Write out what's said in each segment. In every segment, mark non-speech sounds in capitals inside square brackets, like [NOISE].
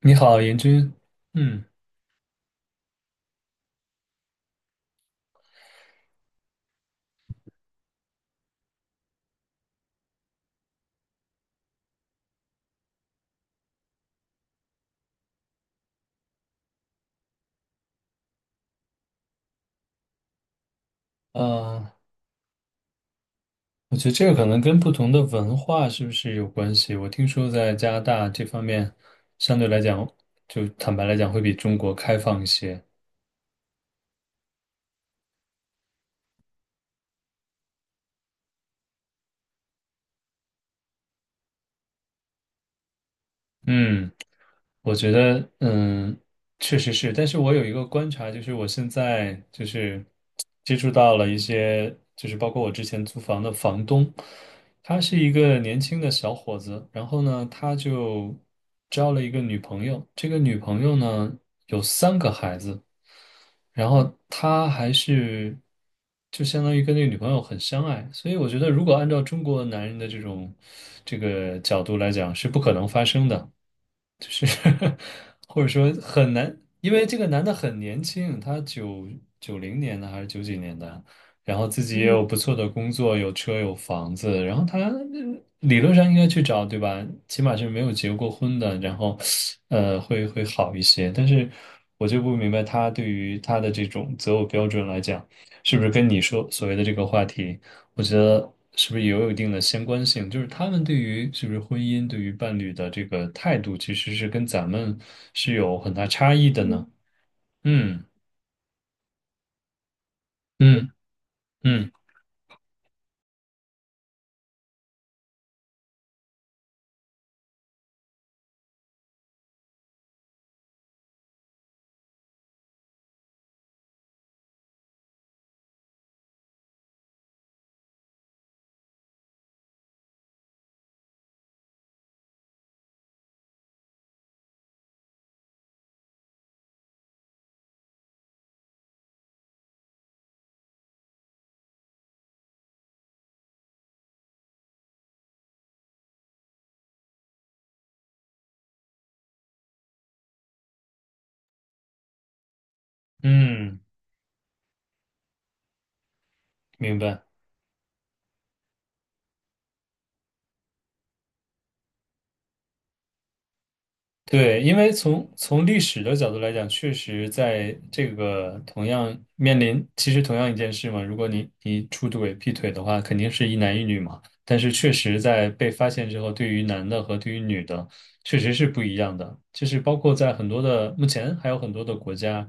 你好，严军。嗯，啊，我觉得这个可能跟不同的文化是不是有关系？我听说在加拿大这方面，相对来讲，就坦白来讲，会比中国开放一些。嗯，我觉得，确实是，但是我有一个观察，就是我现在就是接触到了一些，就是包括我之前租房的房东，他是一个年轻的小伙子，然后呢，他就交了一个女朋友，这个女朋友呢有三个孩子，然后他还是就相当于跟那个女朋友很相爱，所以我觉得如果按照中国男人的这种这个角度来讲，是不可能发生的。就是 [LAUGHS] 或者说很难，因为这个男的很年轻，他1990年的还是九几年的，然后自己也有不错的工作，有车有房子，然后他理论上应该去找，对吧？起码是没有结过婚的，然后会好一些，但是我就不明白他对于他的这种择偶标准来讲，是不是跟你说所谓的这个话题？我觉得是不是也有一定的相关性？就是他们对于是不是婚姻、对于伴侣的这个态度，其实是跟咱们是有很大差异的呢。嗯，嗯嗯嗯嗯，明白。对，因为从历史的角度来讲，确实在这个同样面临，其实同样一件事嘛，如果你出轨、劈腿的话，肯定是一男一女嘛。但是确实在被发现之后，对于男的和对于女的，确实是不一样的，就是包括在很多的目前还有很多的国家，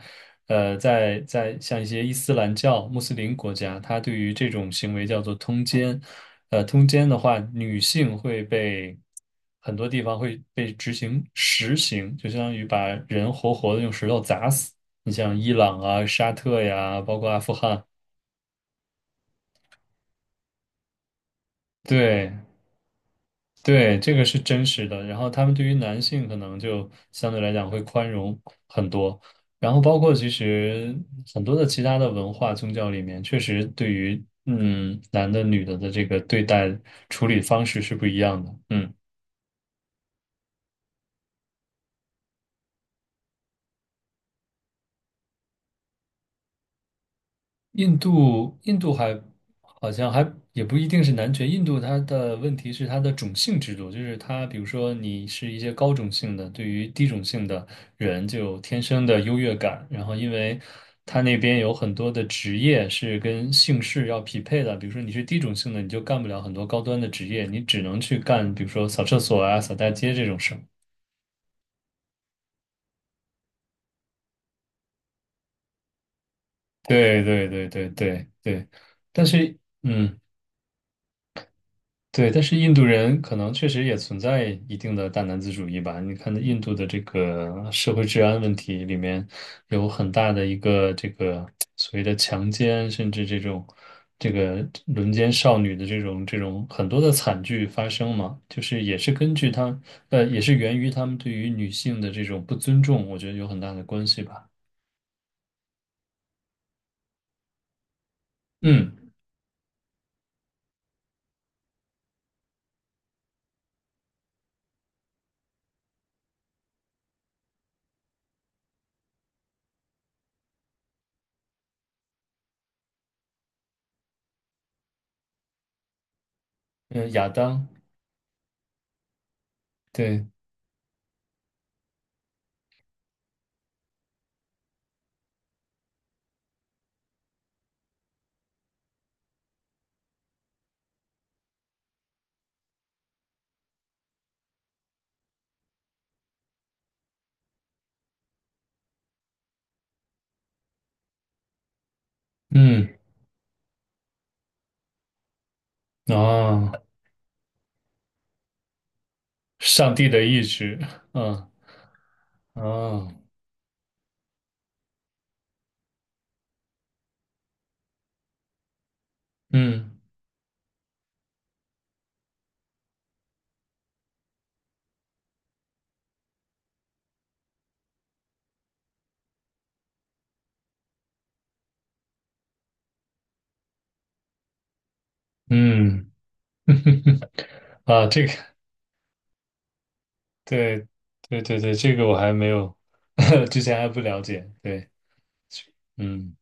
在像一些伊斯兰教、穆斯林国家，它对于这种行为叫做通奸，通奸的话，女性会被很多地方会被执行实刑，就相当于把人活活的用石头砸死。你像伊朗啊、沙特呀，包括阿富汗，对。对，这个是真实的。然后他们对于男性可能就相对来讲会宽容很多。然后包括其实很多的其他的文化宗教里面，确实对于男的女的的这个对待处理方式是不一样的。嗯。印度，印度还好像还也不一定是男权。印度它的问题是它的种姓制度，就是它，比如说你是一些高种姓的，对于低种姓的人就有天生的优越感。然后因为它那边有很多的职业是跟姓氏要匹配的，比如说你是低种姓的，你就干不了很多高端的职业，你只能去干，比如说扫厕所啊、扫大街这种事儿。对对对对对对，但是。嗯。对，但是印度人可能确实也存在一定的大男子主义吧。你看，印度的这个社会治安问题里面有很大的一个这个所谓的强奸，甚至这种这个轮奸少女的这种很多的惨剧发生嘛，就是也是根据他也是源于他们对于女性的这种不尊重，我觉得有很大的关系吧。嗯嗯，亚当，对，嗯啊，上帝的意志，嗯啊，嗯。嗯，[LAUGHS] 这个，对，对对对，这个我还没有，[LAUGHS] 之前还不了解。对，嗯，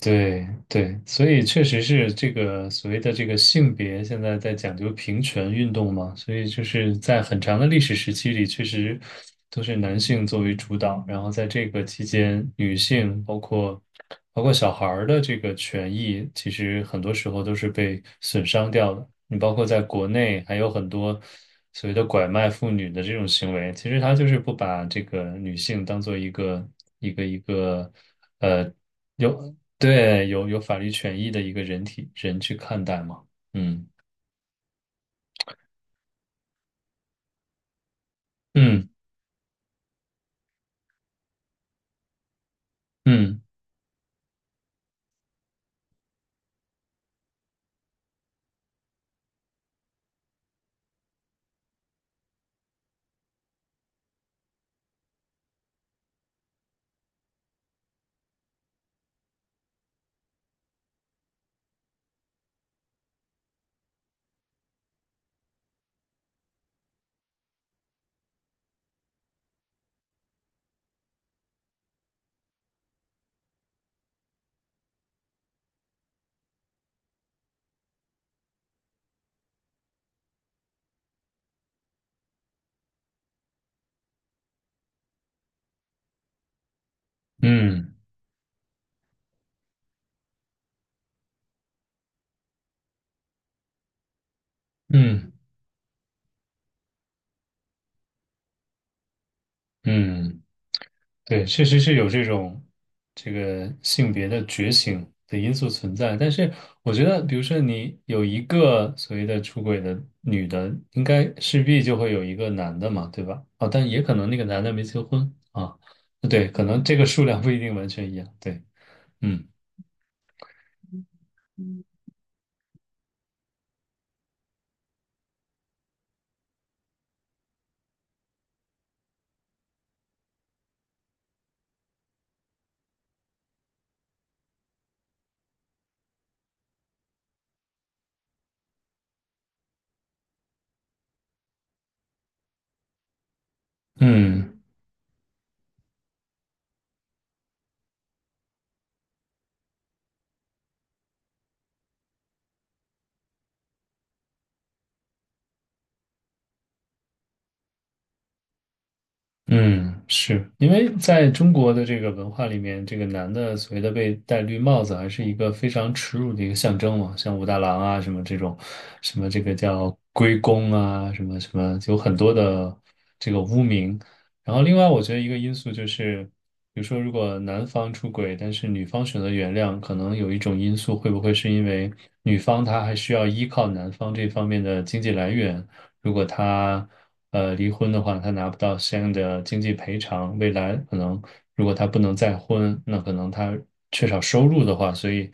对对，所以确实是这个所谓的这个性别现在在讲究平权运动嘛，所以就是在很长的历史时期里，确实都是男性作为主导，然后在这个期间，女性包括小孩儿的这个权益，其实很多时候都是被损伤掉的。你包括在国内还有很多所谓的拐卖妇女的这种行为，其实他就是不把这个女性当做一个呃有对有有法律权益的一个人去看待嘛。嗯嗯嗯嗯嗯嗯嗯。对，确实是有这种这个性别的觉醒的因素存在，但是我觉得，比如说你有一个所谓的出轨的女的，应该势必就会有一个男的嘛，对吧？哦，但也可能那个男的没结婚啊，对，可能这个数量不一定完全一样，对，嗯嗯。嗯，是因为在中国的这个文化里面，这个男的所谓的被戴绿帽子，还是一个非常耻辱的一个象征嘛，像武大郎啊什么这种，什么这个叫龟公啊，什么什么，有很多的这个污名。然后另外，我觉得一个因素就是，比如说如果男方出轨，但是女方选择原谅，可能有一种因素会不会是因为女方她还需要依靠男方这方面的经济来源，如果他离婚的话，他拿不到相应的经济赔偿，未来可能如果他不能再婚，那可能他缺少收入的话，所以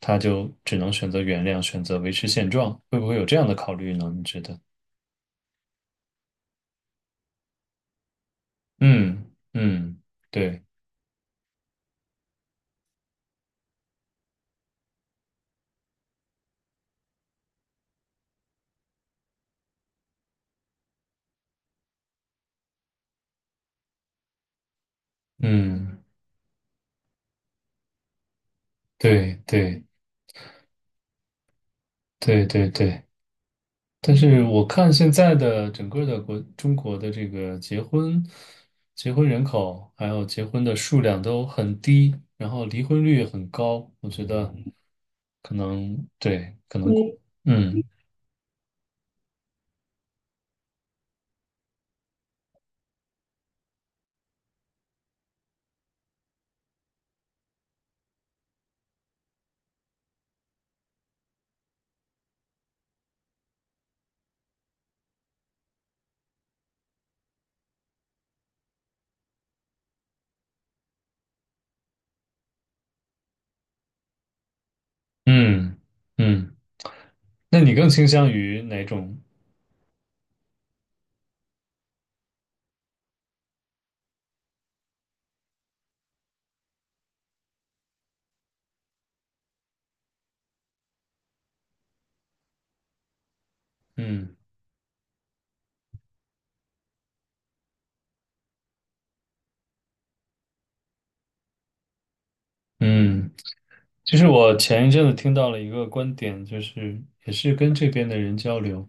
他就只能选择原谅，选择维持现状，会不会有这样的考虑呢？你觉得？嗯嗯，对，嗯对对对对对对。但是我看现在的整个的中国的这个结婚、结婚人口还有结婚的数量都很低，然后离婚率也很高，我觉得可能对，可能对，嗯嗯嗯，那你更倾向于哪种？嗯嗯，就是我前一阵子听到了一个观点，就是也是跟这边的人交流。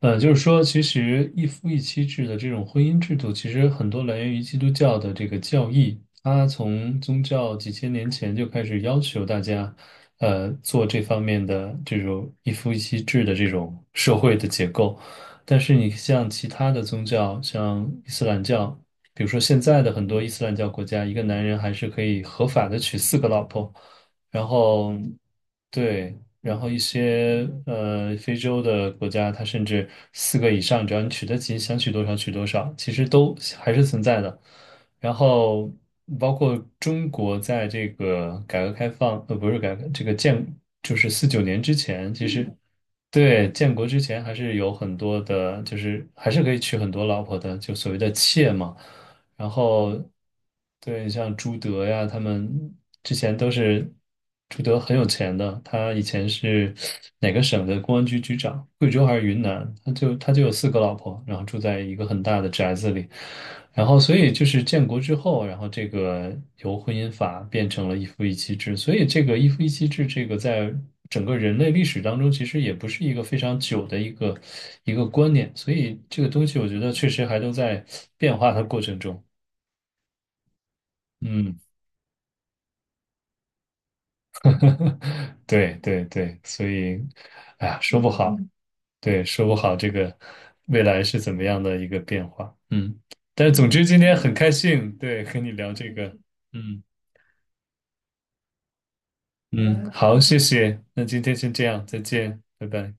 就是说，其实一夫一妻制的这种婚姻制度，其实很多来源于基督教的这个教义。它从宗教几千年前就开始要求大家，做这方面的这种一夫一妻制的这种社会的结构。但是你像其他的宗教，像伊斯兰教，比如说现在的很多伊斯兰教国家，一个男人还是可以合法的娶四个老婆。然后对，然后一些非洲的国家，它甚至四个以上，只要你娶得起，想娶多少娶多少，其实都还是存在的。然后包括中国在这个改革开放，不是改革，这个建就是1949年之前，其实对，建国之前还是有很多的，就是还是可以娶很多老婆的，就所谓的妾嘛。然后对像朱德呀，他们之前都是朱德很有钱的，他以前是哪个省的公安局局长，贵州还是云南，他就有四个老婆，然后住在一个很大的宅子里，然后所以就是建国之后，然后这个由婚姻法变成了一夫一妻制，所以这个一夫一妻制这个在整个人类历史当中，其实也不是一个非常久的一个观念，所以这个东西我觉得确实还都在变化的过程中。嗯，对对对，所以，哎呀，说不好，对，说不好这个未来是怎么样的一个变化。嗯，但是总之今天很开心，对，和你聊这个。嗯嗯，好，谢谢，那今天先这样，再见，拜拜。